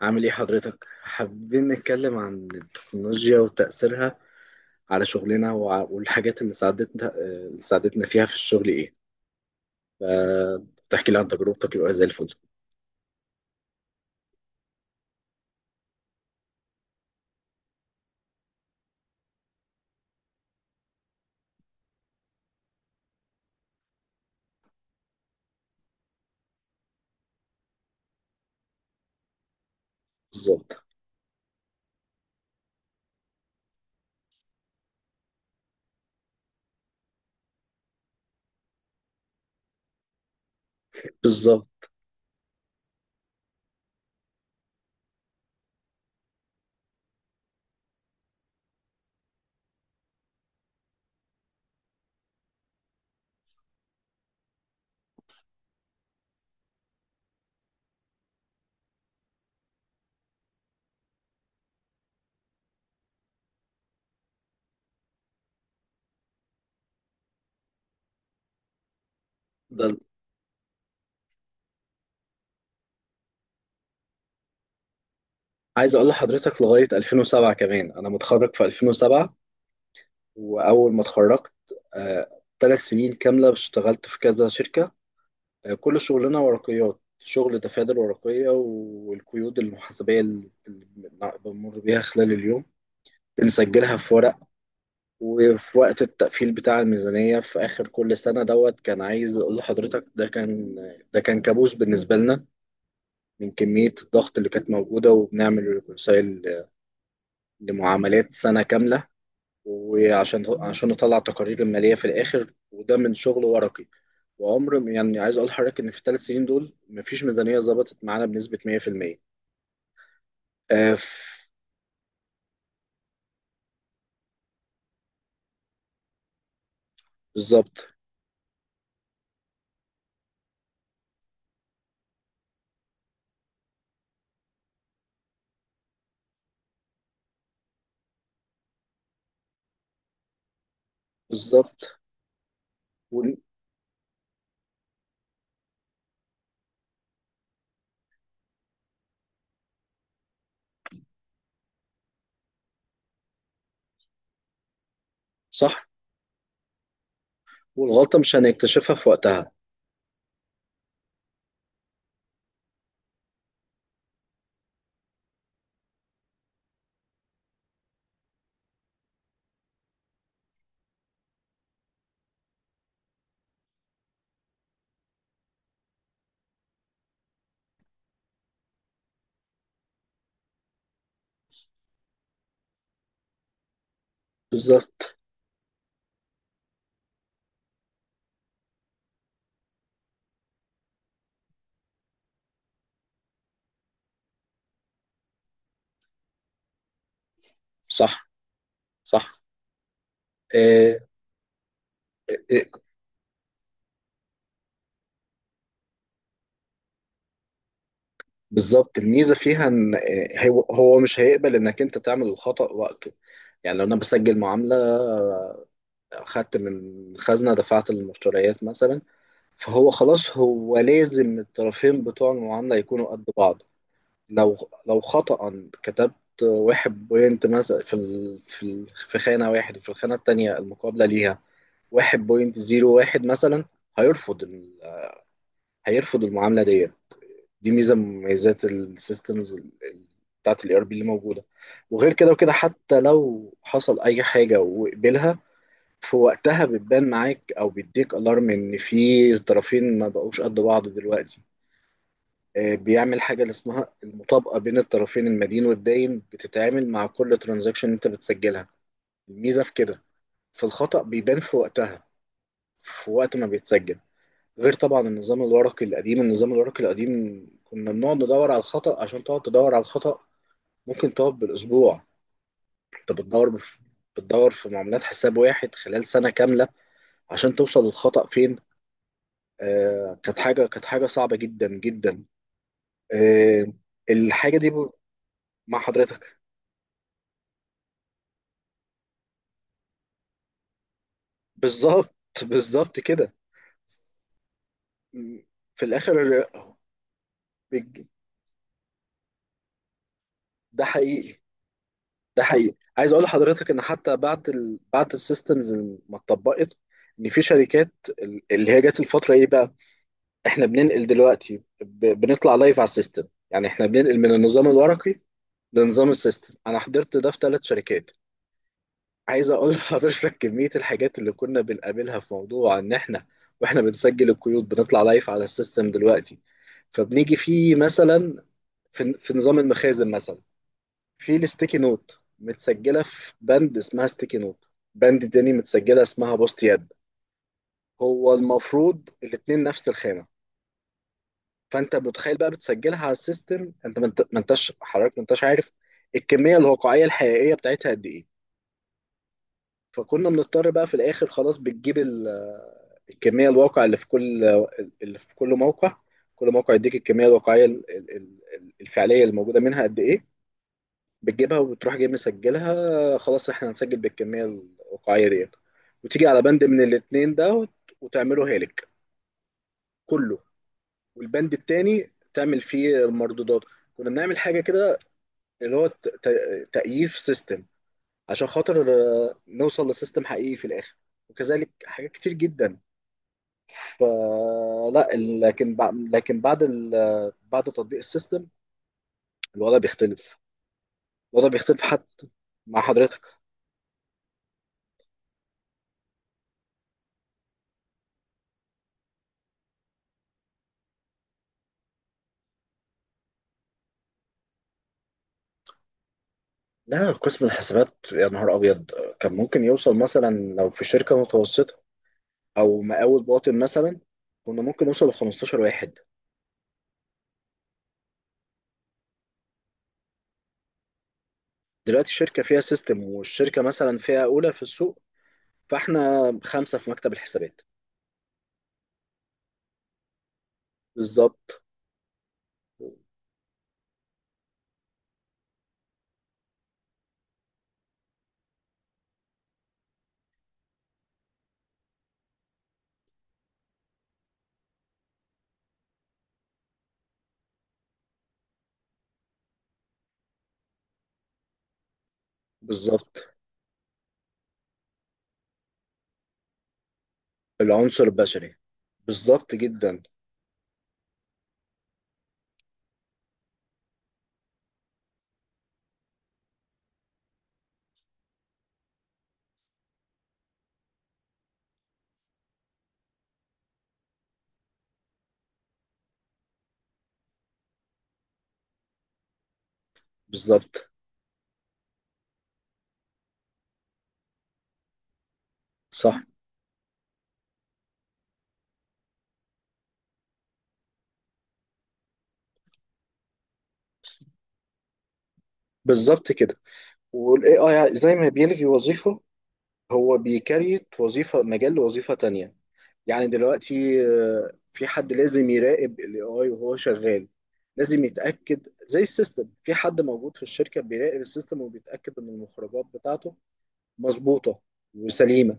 عامل ايه حضرتك؟ حابين نتكلم عن التكنولوجيا وتأثيرها على شغلنا والحاجات اللي ساعدتنا اللي ساعدتنا فيها في الشغل ايه؟ فتحكي لي عن تجربتك يبقى زي الفل. بالظبط. بالظبط. ده عايز اقول لحضرتك لغاية 2007، كمان انا متخرج في 2007، واول ما اتخرجت 3 سنين كاملة اشتغلت في كذا شركة. كل شغلنا ورقيات، شغل دفاتر ورقية، والقيود المحاسبية اللي بنمر بيها خلال اليوم نسجلها في ورق. وفي وقت التقفيل بتاع الميزانية في آخر كل سنة دوت كان عايز أقول لحضرتك ده كان كابوس بالنسبة لنا من كمية الضغط اللي كانت موجودة. وبنعمل ريكونسايل لمعاملات سنة كاملة، وعشان نطلع تقارير المالية في الآخر، وده من شغل ورقي. وعمر ما- يعني عايز أقول لحضرتك إن في الثلاث سنين دول مفيش ميزانية ظبطت معانا بنسبة 100%. آه، ف- بالظبط. بالظبط وال- صح. والغلطة مش هنكتشفها في وقتها. بالظبط. صح. صح. آه. آه. آه. بالظبط، الميزه فيها ان، هو مش هيقبل انك انت تعمل الخطأ وقته. يعني لو انا بسجل معامله، اخدت من خزنه دفعت للمشتريات مثلا، فهو خلاص هو لازم الطرفين بتوع المعامله يكونوا قد بعض. لو لو خطأ كتبت واحد بوينت مثلا في خانه واحد، وفي الخانه التانيه المقابله ليها واحد بوينت زيرو واحد مثلا، هيرفض ال- هيرفض المعامله دي. دي ميزه من مميزات السيستمز بتاعت الاي ار بي اللي موجوده. وغير كده وكده حتى لو حصل اي حاجه وقبلها في وقتها بتبان معاك، او بيديك الارم ان في طرفين ما بقوش قد بعض دلوقتي. بيعمل حاجه اللي اسمها المطابقه بين الطرفين، المدين والداين، بتتعامل مع كل ترانزاكشن انت بتسجلها. الميزه في كده في الخطأ بيبان في وقتها، في وقت ما بيتسجل. غير طبعا النظام الورقي القديم، النظام الورقي القديم كنا بنقعد ندور على الخطأ. عشان تقعد تدور على الخطأ ممكن تقعد بالأسبوع. أنت بتدور بف... بتدور في معاملات حساب واحد خلال سنة كاملة عشان توصل للخطأ فين. آه، كانت حاجة صعبة جدا جدا. آه. الحاجة دي ب... مع حضرتك. بالظبط. بالظبط كده. في الآخر. بيج- ده حقيقي. ده حقيقي، عايز اقول لحضرتك ان حتى بعد السيستمز ما اتطبقت، ان في شركات اللي هي جت الفتره ايه بقى، احنا بننقل دلوقتي بنطلع لايف على السيستم. يعني احنا بننقل من النظام الورقي لنظام السيستم. انا حضرت ده في 3 شركات. عايز اقول لحضرتك كميه الحاجات اللي كنا بنقابلها في موضوع ان احنا واحنا بنسجل القيود بنطلع لايف على السيستم دلوقتي. فبنيجي فيه مثلا، في نظام المخازن مثلا، في الستيكي نوت متسجله في باند اسمها ستيكي نوت، باند تاني متسجله اسمها بوست يد. هو المفروض الاتنين نفس الخانه. فانت متخيل بقى بتسجلها على السيستم، انت ما انتش حضرتك، ما انتش عارف الكميه الواقعيه الحقيقيه بتاعتها قد ايه. فكنا بنضطر بقى في الاخر خلاص الكميه الواقع اللي في كل موقع. كل موقع يديك الكميه الواقعيه الفعليه اللي موجوده منها قد ايه. بتجيبها وبتروح جاي مسجلها، خلاص احنا هنسجل بالكميه الواقعيه ديت. وتيجي على بند من الاتنين ده وت- وتعمله هالك كله، والبند التاني تعمل فيه المردودات. كنا بنعمل حاجه كده اللي هو تأييف سيستم عشان خاطر، نوصل لسيستم حقيقي في الاخر. وكذلك حاجات كتير جدا. فلا لكن بع- لكن بعد ال- بعد تطبيق السيستم الوضع بيختلف. الوضع بيختلف حتى مع حضرتك. لا، قسم الحسابات يا نهار ابيض كان ممكن يوصل مثلا، لو في شركه متوسطه او مقاول باطن مثلا، كنا ممكن نوصل ل 15 واحد. دلوقتي الشركه فيها سيستم، والشركه مثلا فيها اولى في السوق، فاحنا خمسه في مكتب الحسابات. بالظبط. بالظبط. العنصر البشري. بالظبط جدا. بالظبط. صح. بالظبط كده. والاي اي زي ما بيلغي وظيفه هو بيكريت وظيفه، مجال لوظيفه تانية. يعني دلوقتي في حد لازم يراقب الاي اي وهو شغال. لازم يتاكد، زي السيستم في حد موجود في الشركه بيراقب السيستم وبيتاكد ان المخرجات بتاعته مظبوطه وسليمه،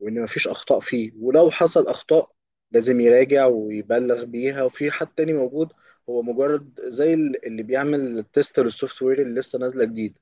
وان مفيش اخطاء فيه. ولو حصل اخطاء لازم يراجع ويبلغ بيها. وفي حد تاني موجود هو مجرد زي اللي بيعمل تيست للسوفت وير اللي لسه نازله جديد،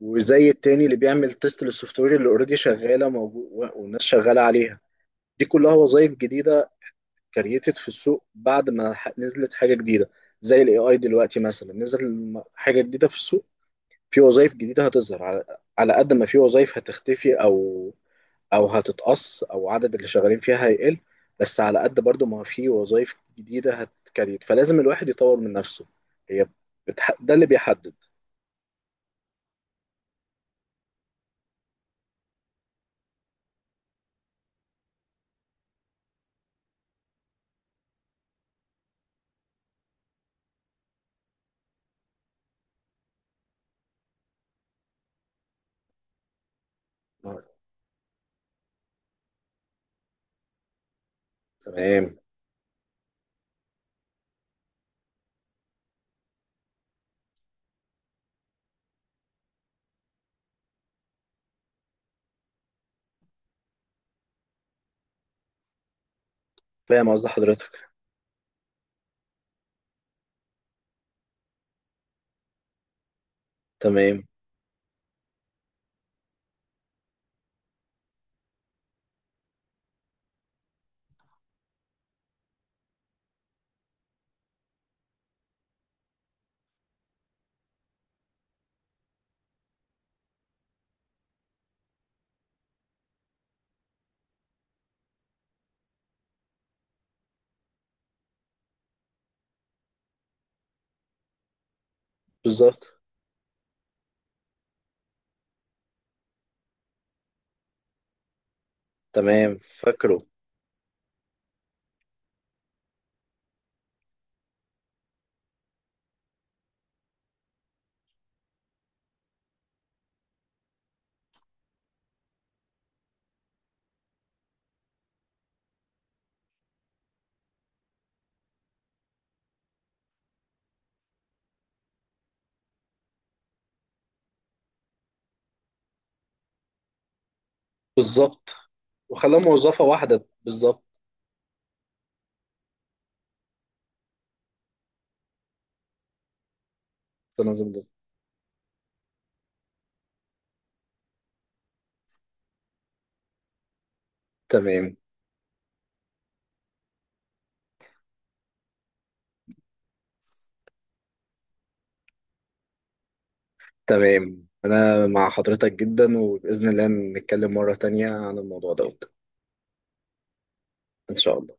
وزي التاني اللي بيعمل تيست للسوفت وير اللي اوريدي شغاله موجود والناس شغاله عليها. دي كلها وظائف جديدة كريتد في السوق بعد ما ح- نزلت حاجه جديده. زي الاي اي دلوقتي مثلا نزل حاجه جديده في السوق، في وظائف جديده هتظهر على على قد ما في وظائف هتختفي او هتتقص، او عدد اللي شغالين فيها هيقل. بس على قد برضو ما في وظائف جديده هتكريت، فلازم الواحد يطور من نفسه. هي ده اللي بيحدد. آه، تمام. فاهم قصد حضرتك. تمام. بالظبط. تمام. فاكره. بالظبط وخلاه موظفه واحده. بالظبط. تنظيم. تمام. تمام أنا مع حضرتك جدا، وبإذن الله نتكلم مرة تانية عن الموضوع دوت. إن شاء الله.